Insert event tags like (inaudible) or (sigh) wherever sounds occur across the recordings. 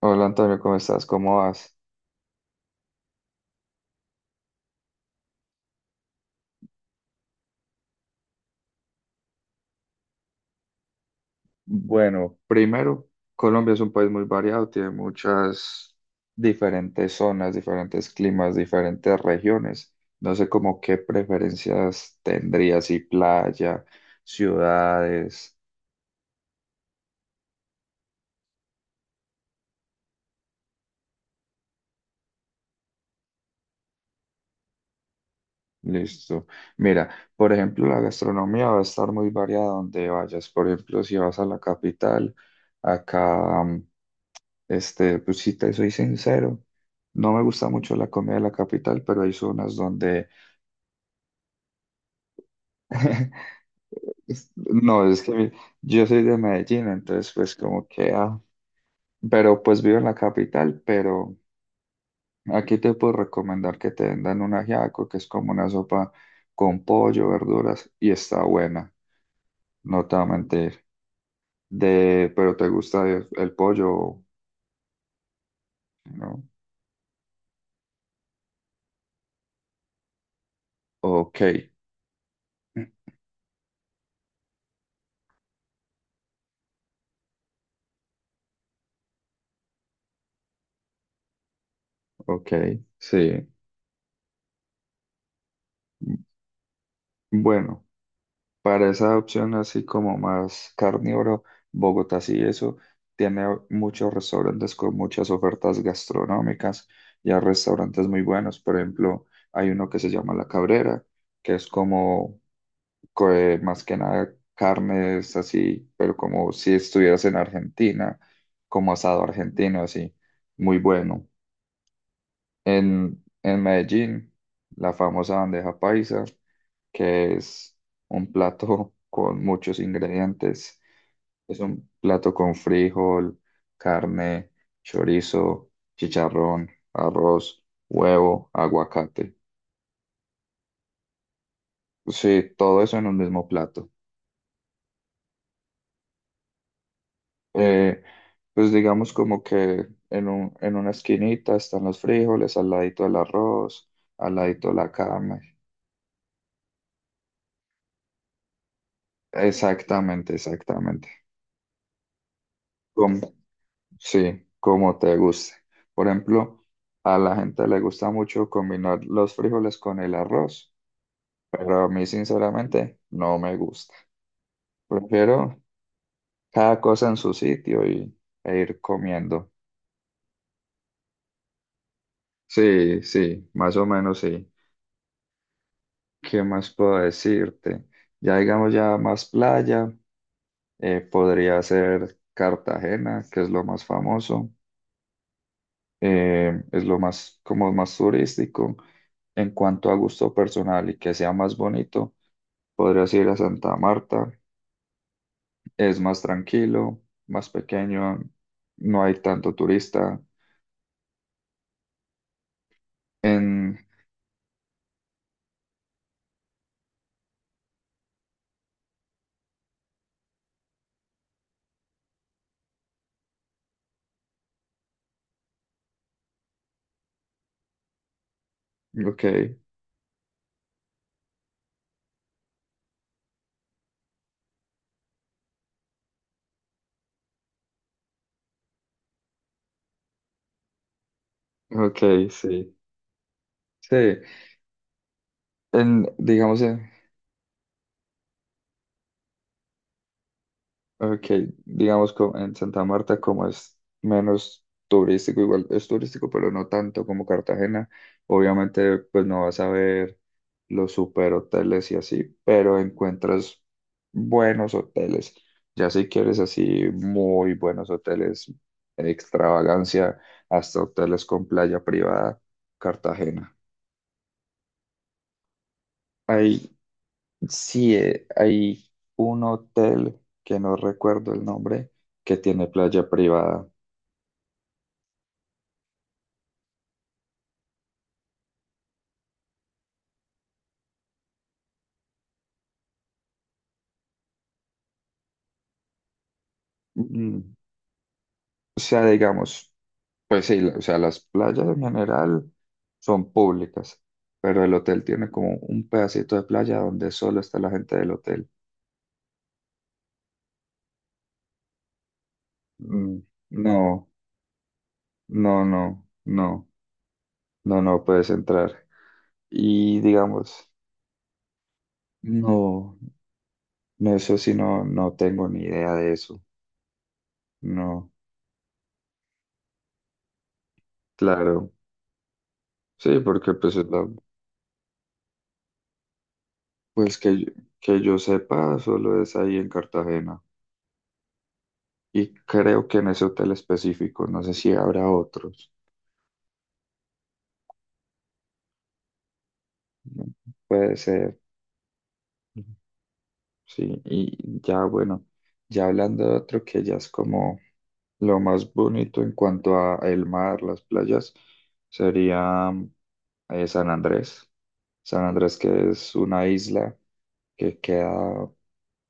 Hola Antonio, ¿cómo estás? ¿Cómo vas? Bueno, primero, Colombia es un país muy variado, tiene muchas diferentes zonas, diferentes climas, diferentes regiones. No sé, como qué preferencias tendrías, si playa, ciudades, listo. Mira, por ejemplo, la gastronomía va a estar muy variada donde vayas. Por ejemplo, si vas a la capital, acá este, pues si te soy sincero, no me gusta mucho la comida de la capital, pero hay zonas donde... (laughs) No, es que yo soy de Medellín, entonces pues como que... ah, pero pues vivo en la capital, pero aquí te puedo recomendar que te vendan un ajiaco, que es como una sopa con pollo, verduras, y está buena, no te voy a mentir. Pero te gusta el pollo, ¿no? Ok, ok, sí. mm, Bueno. Para esa opción así como más carnívoro, Bogotá sí eso tiene muchos restaurantes con muchas ofertas gastronómicas y hay restaurantes muy buenos. Por ejemplo, hay uno que se llama La Cabrera, que es como más que nada carnes así, pero como si estuvieras en Argentina, como asado argentino así, muy bueno en Medellín, la famosa bandeja paisa, que es un plato (laughs) con muchos ingredientes. Es un plato con frijol, carne, chorizo, chicharrón, arroz, huevo, aguacate. Sí, todo eso en un mismo plato. Eh, pues digamos como que en una esquinita están los frijoles, al ladito el arroz, al ladito la carne. Exactamente, exactamente. Sí, como te guste. Por ejemplo, a la gente le gusta mucho combinar los frijoles con el arroz, pero a mí sinceramente no me gusta. Prefiero cada cosa en su sitio y, e ir comiendo. Sí, sí, más o menos sí. ¿Qué más puedo decirte? Ya digamos ya más playa, podría ser Cartagena, que es lo más famoso. Eh, es lo más, como más turístico. En cuanto a gusto personal y que sea más bonito, podrías ir a Santa Marta. Es más tranquilo, más pequeño, no hay tanto turista. En, ok, ok, sí. Sí, digamos, ok, en Santa Marta, como es menos turístico, igual es turístico, pero no tanto como Cartagena, obviamente pues no vas a ver los super hoteles y así, pero encuentras buenos hoteles. Ya si quieres así muy buenos hoteles, extravagancia, hasta hoteles con playa privada, Cartagena. Hay, sí, hay un hotel que no recuerdo el nombre, que tiene playa privada. Mm, O sea, digamos, pues sí, o sea, las playas en general son públicas, pero el hotel tiene como un pedacito de playa donde solo está la gente del hotel. Mm. No, no, no, no, no, no puedes entrar. Y digamos, no, no, eso sí, no, no tengo ni idea de eso. No, claro, sí, porque pues, pues que yo sepa, solo es ahí en Cartagena. Y creo que en ese hotel específico, no sé si habrá otros. ¿No? Puede ser. Ujú. Sí. Y ya, bueno, ya hablando de otro que ya es como lo más bonito en cuanto a el mar, las playas, sería San Andrés. San Andrés, que es una isla que queda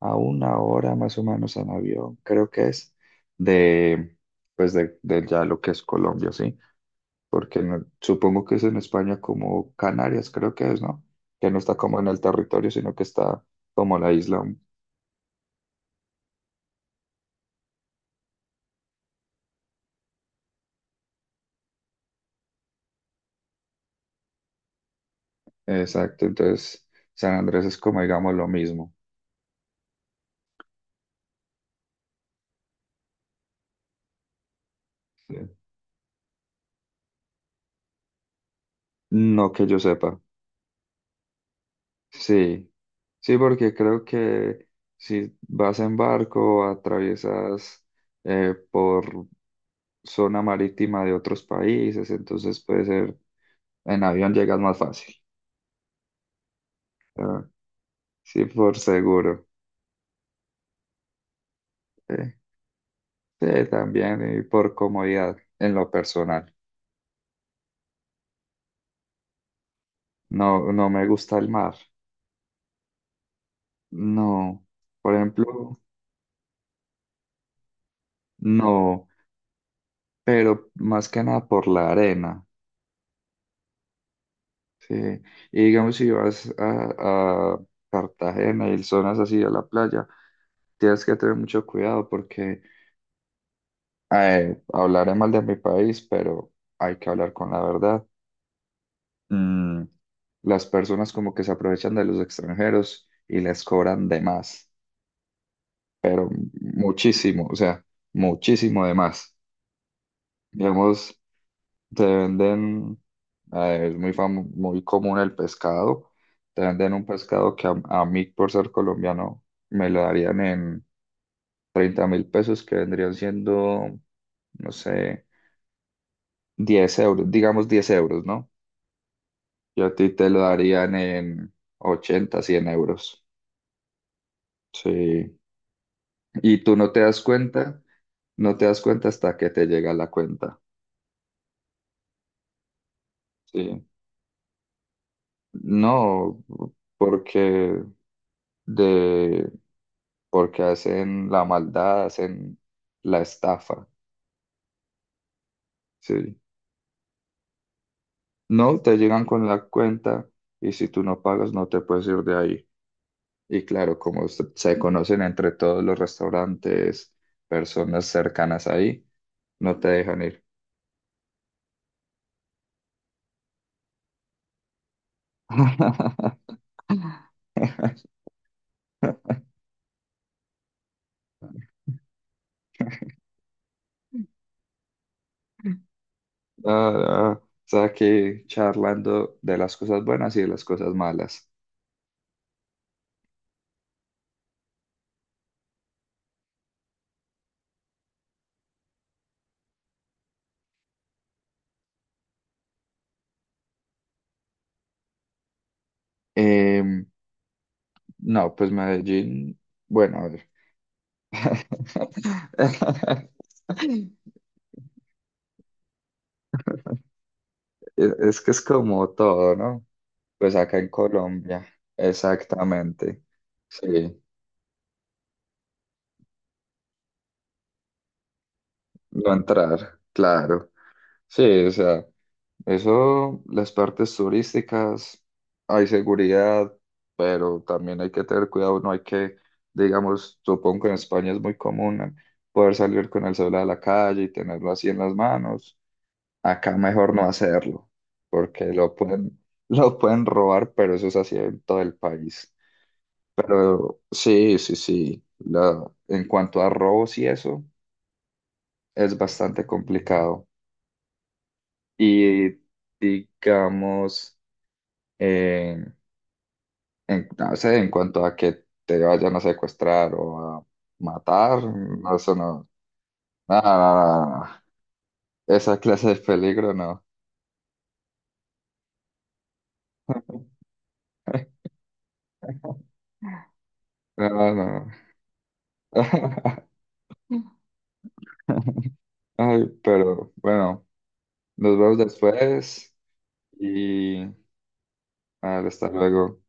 a una hora más o menos en avión, creo que es, de, de ya lo que es Colombia, ¿sí? Porque supongo que es en España como Canarias, creo que es, ¿no? Que no está como en el territorio, sino que está como la isla. Exacto, entonces San Andrés es como, digamos, lo mismo. Sí. No que yo sepa. Sí, sí, porque creo que si vas en barco, atraviesas por zona marítima de otros países, entonces puede ser, en avión llegas más fácil. Ah. Sí, por seguro. Eh, Sí, también y por comodidad en lo personal. No, no me gusta el mar. No, por ejemplo, no, pero más que nada por la arena. Sí. Y digamos, si vas a Cartagena y zonas así a la playa, tienes que tener mucho cuidado porque hablaré mal de mi país, pero hay que hablar con la verdad. Mm, las personas como que se aprovechan de los extranjeros y les cobran de más. Muchísimo, o sea, muchísimo de más. Digamos, te venden, es muy muy común el pescado, te venden un pescado que a mí, por ser colombiano, me lo darían en 30.000 pesos, que vendrían siendo, no sé, 10 euros, digamos 10 euros, ¿no? Y a ti te lo darían en 80, 100 euros. Sí. Y tú no te das cuenta, no te das cuenta hasta que te llega la cuenta. Sí. No, porque de porque hacen la maldad, hacen la estafa, sí. No, te llegan con la cuenta y si tú no pagas no te puedes ir de ahí. Y claro, como se conocen entre todos los restaurantes, personas cercanas ahí, no te dejan ir. (laughs) Ah, ah, o sea, aquí charlando de las cosas buenas y de las cosas malas. Em, No, pues Medellín, bueno, a ver. (laughs) Es que es como todo, ¿no? Pues acá en Colombia, exactamente. Sí, no entrar, claro. Sí, o sea, eso, las partes turísticas, hay seguridad, pero también hay que tener cuidado, no hay que, digamos, supongo que en España es muy común, ¿no?, poder salir con el celular a la calle y tenerlo así en las manos. Acá mejor no hacerlo, porque lo pueden, (laughs) lo pueden robar, pero eso es así en todo el país. Pero sí, sí, sí. En cuanto a robos y eso, es bastante complicado. Y digamos, eh, no sé, en cuanto a que te vayan a secuestrar o a matar, no, eso no. No, no, no, no. No. Esa clase de peligro no. (laughs) No, no. (laughs) Ay, pero bueno, nos vemos después y ah, hasta luego.